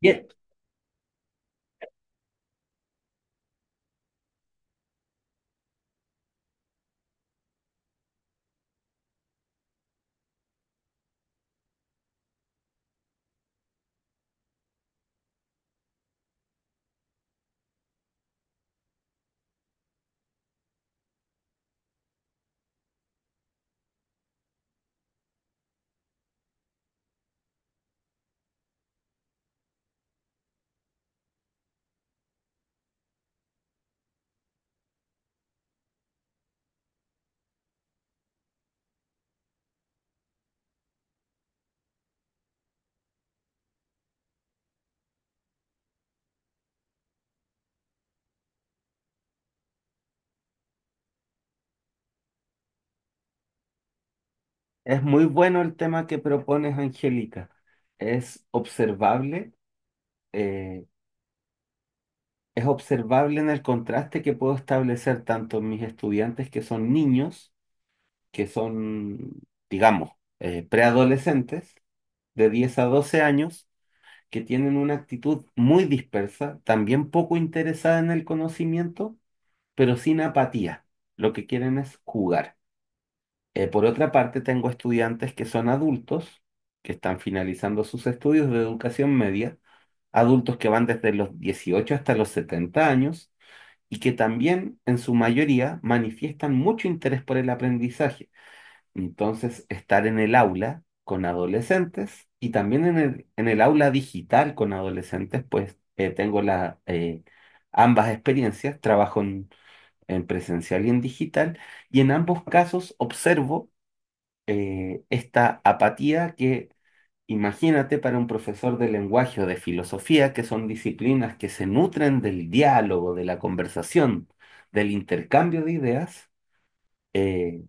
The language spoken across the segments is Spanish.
Bien, es muy bueno el tema que propones, Angélica. Es observable, eh, es observable en el contraste que puedo establecer tanto en mis estudiantes que son niños, que son, digamos, preadolescentes de 10 a 12 años, que tienen una actitud muy dispersa, también poco interesada en el conocimiento, pero sin apatía. Lo que quieren es jugar. Por otra parte, tengo estudiantes que son adultos, que están finalizando sus estudios de educación media, adultos que van desde los 18 hasta los 70 años, y que también en su mayoría manifiestan mucho interés por el aprendizaje. Entonces, estar en el aula con adolescentes, y también en el aula digital con adolescentes, pues tengo ambas experiencias. Trabajo en presencial y en digital. Y en ambos casos observo esta apatía. Que imagínate, para un profesor de lenguaje o de filosofía, que son disciplinas que se nutren del diálogo, de la conversación, del intercambio de ideas. eh,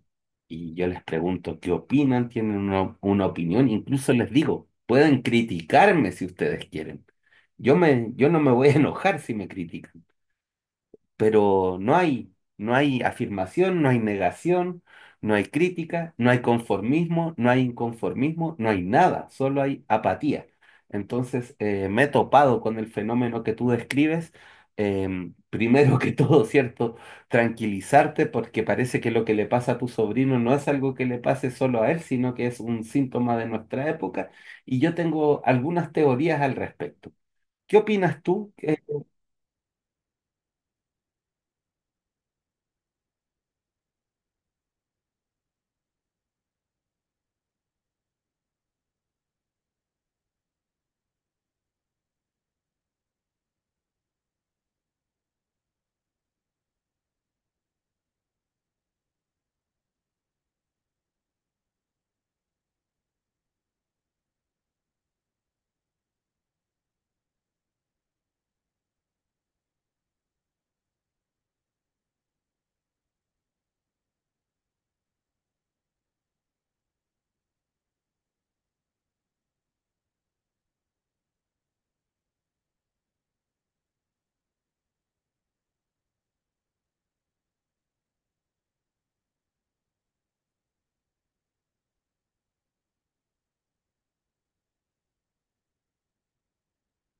y yo les pregunto qué opinan, tienen una opinión, incluso les digo, pueden criticarme si ustedes quieren. Yo no me voy a enojar si me critican, pero no hay afirmación, no hay negación, no hay crítica, no hay conformismo, no hay inconformismo, no hay nada, solo hay apatía. Entonces, me he topado con el fenómeno que tú describes. Primero que todo, ¿cierto? Tranquilizarte, porque parece que lo que le pasa a tu sobrino no es algo que le pase solo a él, sino que es un síntoma de nuestra época. Y yo tengo algunas teorías al respecto. ¿Qué opinas tú?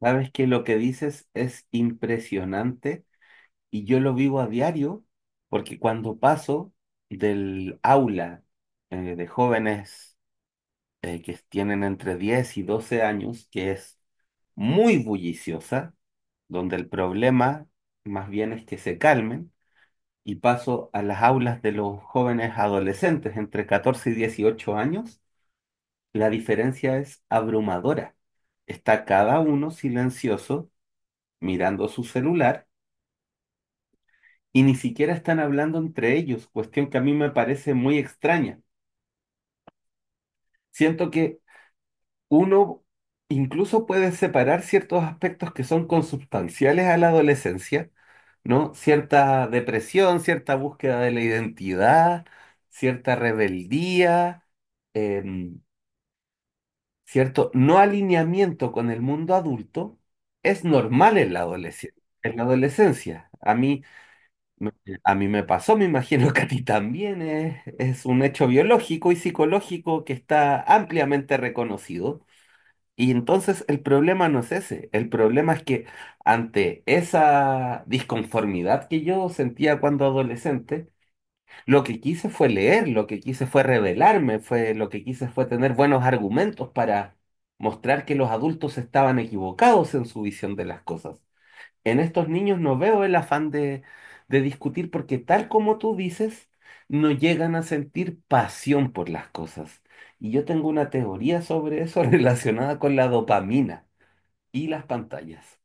Sabes que lo que dices es impresionante, y yo lo vivo a diario, porque cuando paso del aula de jóvenes que tienen entre 10 y 12 años, que es muy bulliciosa, donde el problema más bien es que se calmen, y paso a las aulas de los jóvenes adolescentes entre 14 y 18 años, la diferencia es abrumadora. Está cada uno silencioso, mirando su celular, y ni siquiera están hablando entre ellos, cuestión que a mí me parece muy extraña. Siento que uno incluso puede separar ciertos aspectos que son consubstanciales a la adolescencia, ¿no? Cierta depresión, cierta búsqueda de la identidad, cierta rebeldía, em, cierto no alineamiento con el mundo adulto, es normal en la adolescencia. En la adolescencia. Me- A mí me pasó, me imagino que a ti también. Es un hecho biológico y psicológico que está ampliamente reconocido. Y entonces el problema no es ese, el problema es que ante esa disconformidad que yo sentía cuando adolescente, lo que quise fue leer, lo que quise fue rebelarme, lo que quise fue tener buenos argumentos para mostrar que los adultos estaban equivocados en su visión de las cosas. En estos niños no veo el afán de discutir, porque tal como tú dices, no llegan a sentir pasión por las cosas. Y yo tengo una teoría sobre eso relacionada con la dopamina y las pantallas.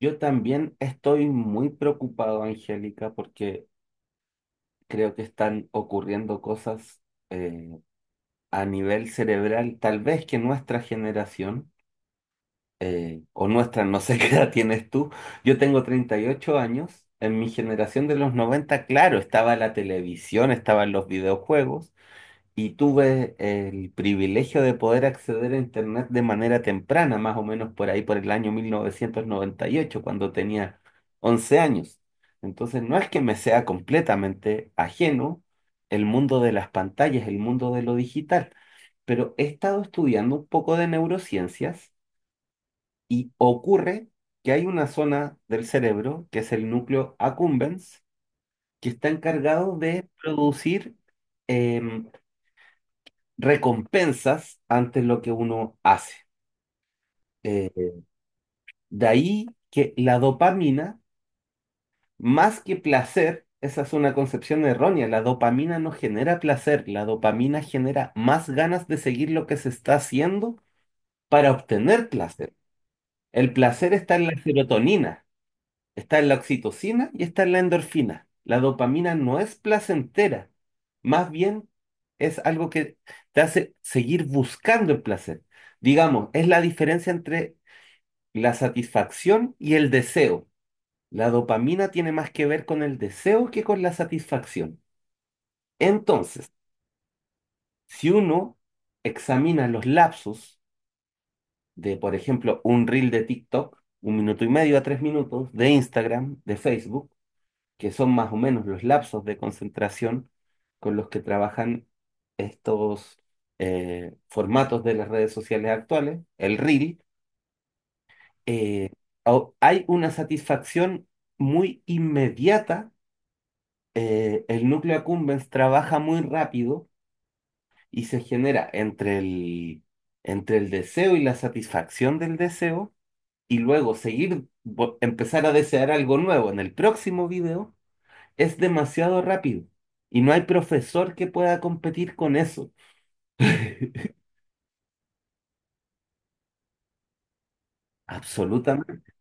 Yo también estoy muy preocupado, Angélica, porque creo que están ocurriendo cosas eh, a nivel cerebral, tal vez que nuestra generación o nuestra, no sé qué edad tienes tú. Yo tengo 38 años. En mi generación de los noventa, claro, estaba la televisión, estaban los videojuegos, y tuve el privilegio de poder acceder a Internet de manera temprana, más o menos por ahí, por el año 1998, cuando tenía 11 años. Entonces, no es que me sea completamente ajeno el mundo de las pantallas, el mundo de lo digital, pero he estado estudiando un poco de neurociencias. Y ocurre que hay una zona del cerebro, que es el núcleo accumbens, que está encargado de producir em, recompensas ante lo que uno hace. Eh, de ahí que la dopamina, más que placer, esa es una concepción errónea. La dopamina no genera placer, la dopamina genera más ganas de seguir lo que se está haciendo para obtener placer. El placer está en la serotonina. Está en la oxitocina y está en la endorfina. La dopamina no es placentera, más bien es algo que te hace seguir buscando el placer. Digamos, es la diferencia entre la satisfacción y el deseo. La dopamina tiene más que ver con el deseo que con la satisfacción. Entonces, si uno examina los lapsos de, por ejemplo, un reel de TikTok, un minuto y medio a tres minutos, de Instagram, de Facebook, que son más o menos los lapsos de concentración con los que trabajan estos formatos de las redes sociales actuales, el reel. eh, Hay una satisfacción muy inmediata. El núcleo accumbens trabaja muy rápido, y se genera entre el deseo y la satisfacción del deseo, y luego seguir, empezar a desear algo nuevo en el próximo video, es demasiado rápido, y no hay profesor que pueda competir con eso. Absolutamente.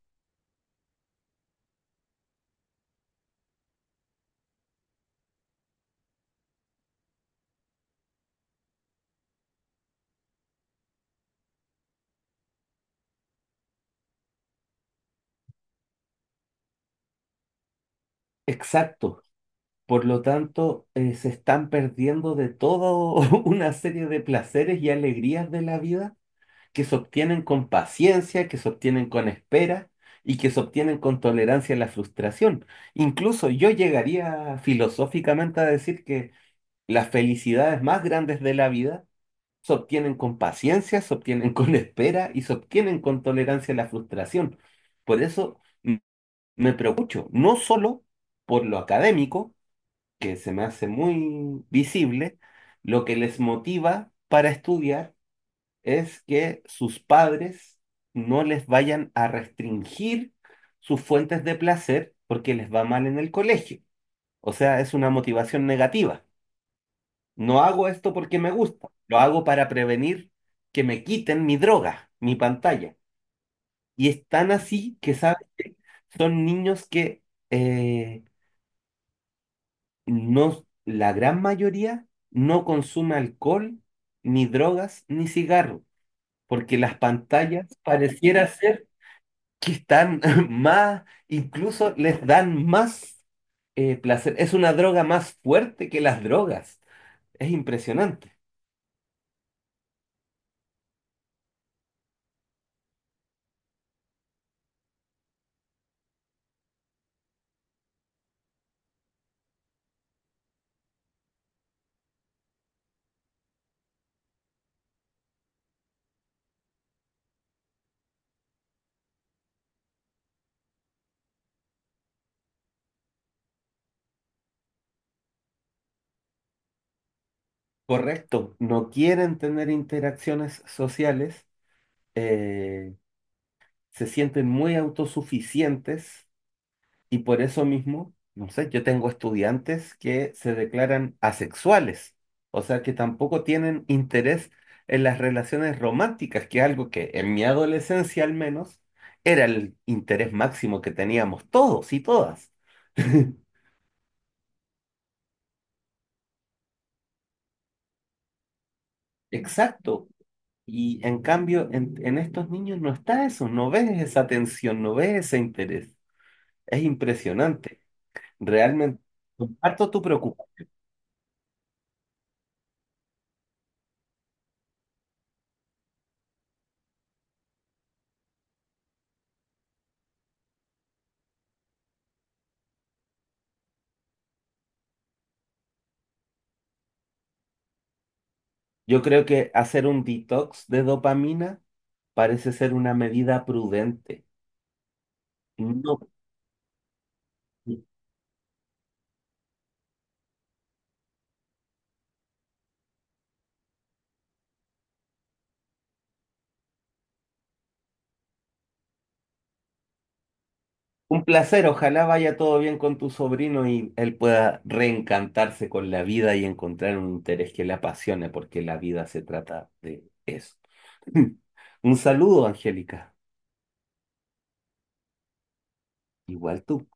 Exacto. Por lo tanto, se están perdiendo de toda una serie de placeres y alegrías de la vida que se obtienen con paciencia, que se obtienen con espera y que se obtienen con tolerancia a la frustración. Incluso yo llegaría filosóficamente a decir que las felicidades más grandes de la vida se obtienen con paciencia, se obtienen con espera y se obtienen con tolerancia a la frustración. Por eso me preocupo, no solo por lo académico, que se me hace muy visible. Lo que les motiva para estudiar es que sus padres no les vayan a restringir sus fuentes de placer porque les va mal en el colegio. O sea, es una motivación negativa. No hago esto porque me gusta, lo hago para prevenir que me quiten mi droga, mi pantalla. Y es tan así que, ¿sabes qué? Son niños que eh, no, la gran mayoría no consume alcohol, ni drogas, ni cigarro, porque las pantallas pareciera ser que están más, incluso les dan más placer. Es una droga más fuerte que las drogas. Es impresionante. Correcto, no quieren tener interacciones sociales, eh, se sienten muy autosuficientes, y por eso mismo, no sé, yo tengo estudiantes que se declaran asexuales, o sea que tampoco tienen interés en las relaciones románticas, que es algo que en mi adolescencia al menos era el interés máximo que teníamos todos y todas. Exacto. Y en cambio, en estos niños no está eso, no ves esa atención, no ves ese interés. Es impresionante. Realmente, comparto tu preocupación. Yo creo que hacer un detox de dopamina parece ser una medida prudente. No, un placer. Ojalá vaya todo bien con tu sobrino y él pueda reencantarse con la vida y encontrar un interés que le apasione, porque la vida se trata de eso. Un saludo, Angélica. Igual tú.